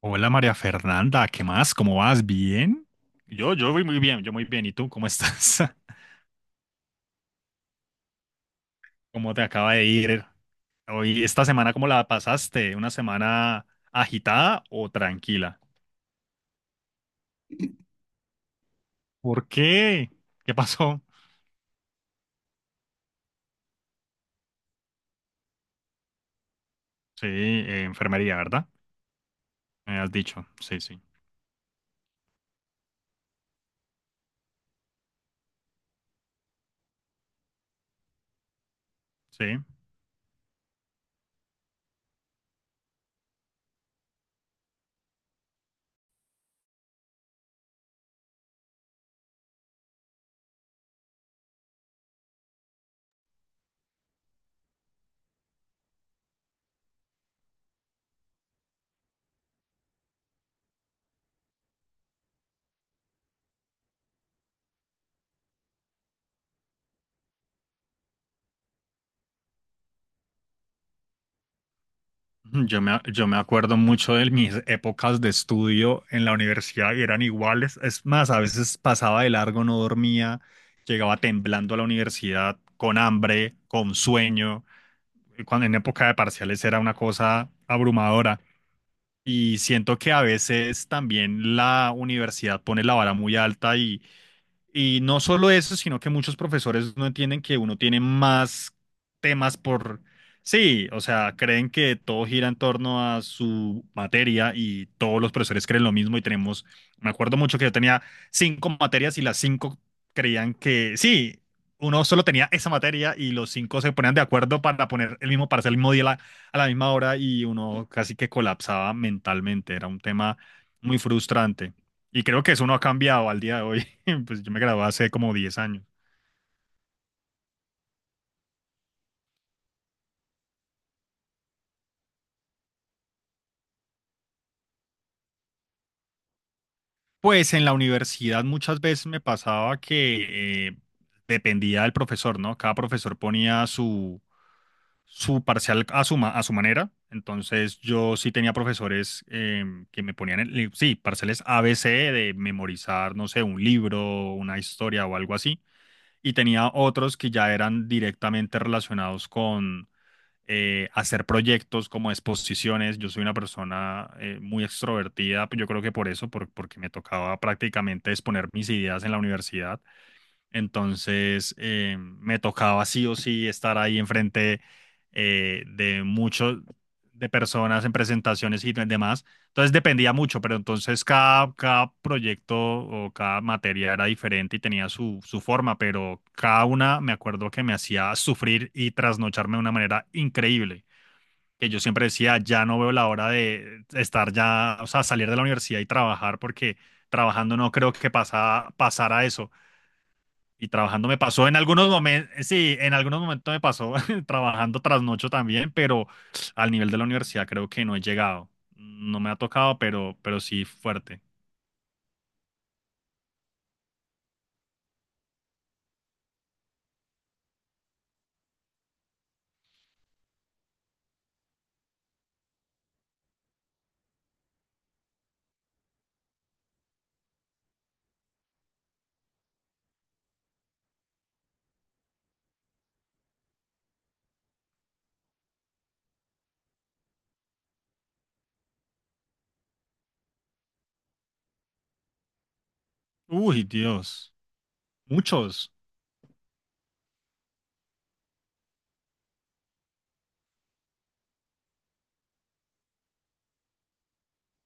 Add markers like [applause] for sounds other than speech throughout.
Hola María Fernanda, ¿qué más? ¿Cómo vas? ¿Bien? Yo voy muy bien, yo muy bien. ¿Y tú cómo estás? [laughs] ¿Cómo te acaba de ir hoy, esta semana, cómo la pasaste? ¿Una semana agitada o tranquila? ¿Por qué? ¿Qué pasó? Sí, enfermería, ¿verdad? Me has dicho, sí, sí, sí. [laughs] Yo me acuerdo mucho de mis épocas de estudio en la universidad y eran iguales. Es más, a veces pasaba de largo, no dormía, llegaba temblando a la universidad con hambre, con sueño. Cuando en época de parciales era una cosa abrumadora. Y siento que a veces también la universidad pone la vara muy alta y no solo eso, sino que muchos profesores no entienden que uno tiene más temas por... Sí, o sea, creen que todo gira en torno a su materia y todos los profesores creen lo mismo y tenemos, me acuerdo mucho que yo tenía cinco materias y las cinco creían que sí, uno solo tenía esa materia y los cinco se ponían de acuerdo para poner el mismo, para hacer el mismo día a a la misma hora y uno casi que colapsaba mentalmente, era un tema muy frustrante. Y creo que eso no ha cambiado al día de hoy. [laughs] Pues yo me gradué hace como 10 años. Pues en la universidad muchas veces me pasaba que dependía del profesor, ¿no? Cada profesor ponía su parcial a su, a su manera. Entonces yo sí tenía profesores que me ponían, el sí, parciales ABC de memorizar, no sé, un libro, una historia o algo así. Y tenía otros que ya eran directamente relacionados hacer proyectos como exposiciones. Yo soy una persona muy extrovertida, pues yo creo que por eso, porque me tocaba prácticamente exponer mis ideas en la universidad. Entonces me tocaba sí o sí estar ahí enfrente de muchos, de personas en presentaciones y demás. Entonces dependía mucho, pero entonces cada proyecto o cada materia era diferente y tenía su forma, pero cada una me acuerdo que me hacía sufrir y trasnocharme de una manera increíble. Que yo siempre decía, ya no veo la hora de estar ya, o sea, salir de la universidad y trabajar, porque trabajando no creo que pasara eso. Y trabajando me pasó en algunos momentos, sí, en algunos momentos me pasó [laughs] trabajando trasnocho también, pero al nivel de la universidad creo que no he llegado. No me ha tocado, pero sí fuerte. Uy, Dios. Muchos.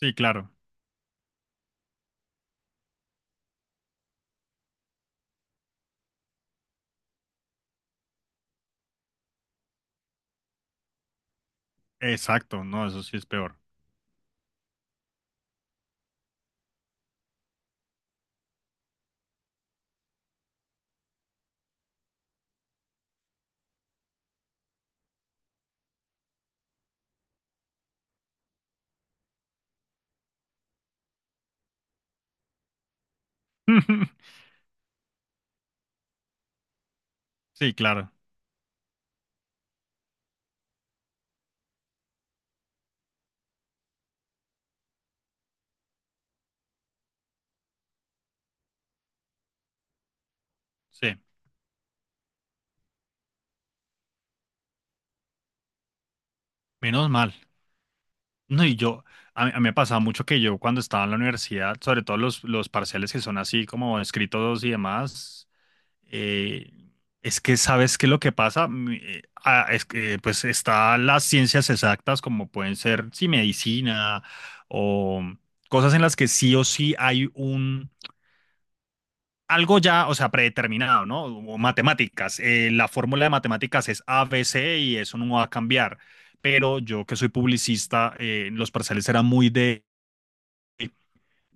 Sí, claro. Exacto. No, eso sí es peor. [laughs] Sí, claro. Sí. Menos mal. No, y yo, a mí me pasaba mucho que yo cuando estaba en la universidad, sobre todo los parciales que son así como escritos y demás. Eh, es que sabes qué es lo que pasa. Es que pues está las ciencias exactas como pueden ser sí, medicina o cosas en las que sí o sí hay un algo ya, o sea, predeterminado, ¿no? O matemáticas, la fórmula de matemáticas es ABC y eso no va a cambiar. Pero yo que soy publicista, los parciales eran muy de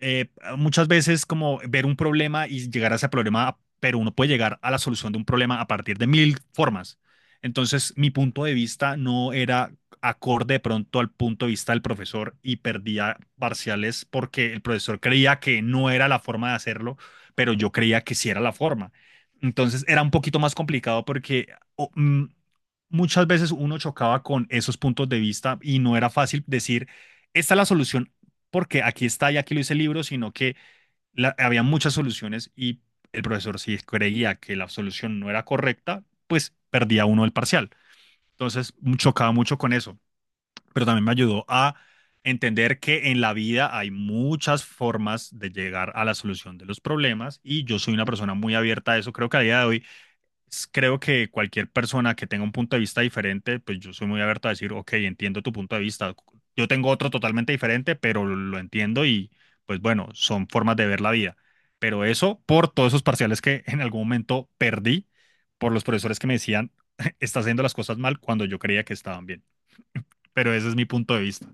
eh, muchas veces como ver un problema y llegar a ese problema, pero uno puede llegar a la solución de un problema a partir de mil formas. Entonces, mi punto de vista no era acorde de pronto al punto de vista del profesor y perdía parciales porque el profesor creía que no era la forma de hacerlo, pero yo creía que sí era la forma. Entonces, era un poquito más complicado porque o, mm, muchas veces uno chocaba con esos puntos de vista y no era fácil decir, esta es la solución porque aquí está y aquí lo dice el libro, sino que había muchas soluciones y el profesor si creía que la solución no era correcta, pues perdía uno el parcial. Entonces chocaba mucho con eso, pero también me ayudó a entender que en la vida hay muchas formas de llegar a la solución de los problemas y yo soy una persona muy abierta a eso. Creo que a día de hoy creo que cualquier persona que tenga un punto de vista diferente, pues yo soy muy abierto a decir, ok, entiendo tu punto de vista. Yo tengo otro totalmente diferente, pero lo entiendo y pues bueno, son formas de ver la vida. Pero eso por todos esos parciales que en algún momento perdí por los profesores que me decían, [laughs] estás haciendo las cosas mal cuando yo creía que estaban bien. Pero ese es mi punto de vista.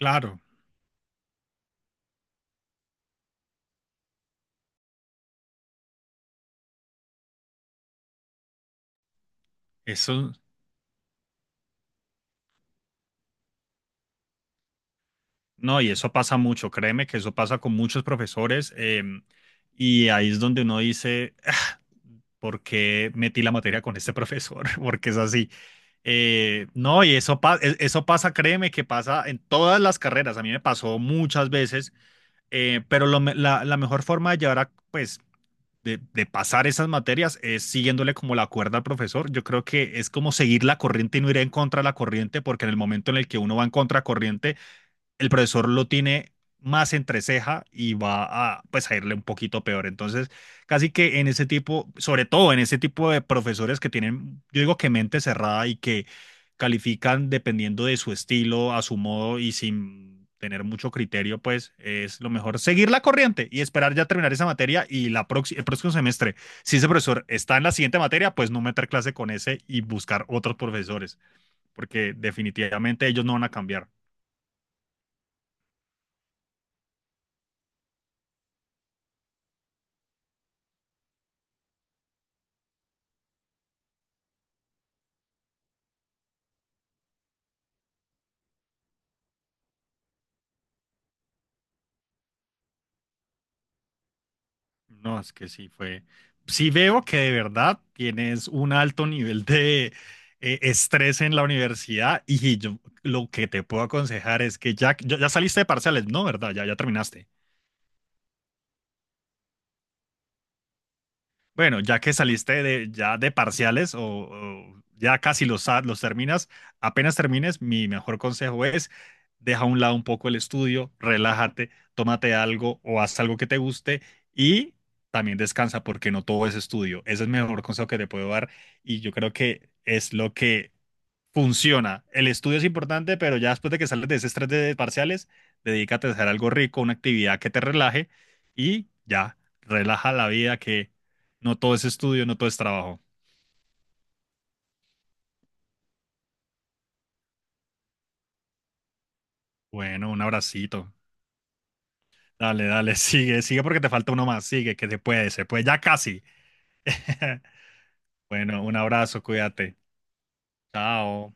Claro, eso. No, y eso pasa mucho, créeme que eso pasa con muchos profesores y ahí es donde uno dice, "Ah, ¿por qué metí la materia con este profesor? [laughs] Porque es así. No, y eso, eso pasa, créeme que pasa en todas las carreras, a mí me pasó muchas veces, pero la mejor forma de llevar a, pues, de pasar esas materias es siguiéndole como la cuerda al profesor. Yo creo que es como seguir la corriente y no ir en contra de la corriente, porque en el momento en el que uno va en contra el profesor lo tiene más entre ceja y va a, pues, a irle un poquito peor. Entonces, casi que en ese tipo, sobre todo en ese tipo de profesores que tienen, yo digo que mente cerrada y que califican dependiendo de su estilo, a su modo y sin tener mucho criterio, pues es lo mejor seguir la corriente y esperar ya terminar esa materia y el próximo semestre, si ese profesor está en la siguiente materia, pues no meter clase con ese y buscar otros profesores, porque definitivamente ellos no van a cambiar. No, es que sí fue. Sí veo que de verdad tienes un alto nivel de estrés en la universidad y yo lo que te puedo aconsejar es que ya saliste de parciales, ¿no? ¿Verdad? Ya terminaste. Bueno, ya que saliste de, ya de parciales o ya casi los terminas, apenas termines, mi mejor consejo es deja a un lado un poco el estudio, relájate, tómate algo o haz algo que te guste y también descansa porque no todo es estudio. Ese es el mejor consejo que te puedo dar y yo creo que es lo que funciona. El estudio es importante, pero ya después de que sales de ese estrés de parciales, dedícate a hacer algo rico, una actividad que te relaje y ya, relaja la vida que no todo es estudio, no todo es trabajo. Bueno, un abracito. Dale, dale, [laughs] sigue, sigue porque te falta uno más, sigue, que se puede, ya casi. [laughs] Bueno, un abrazo, cuídate. Chao.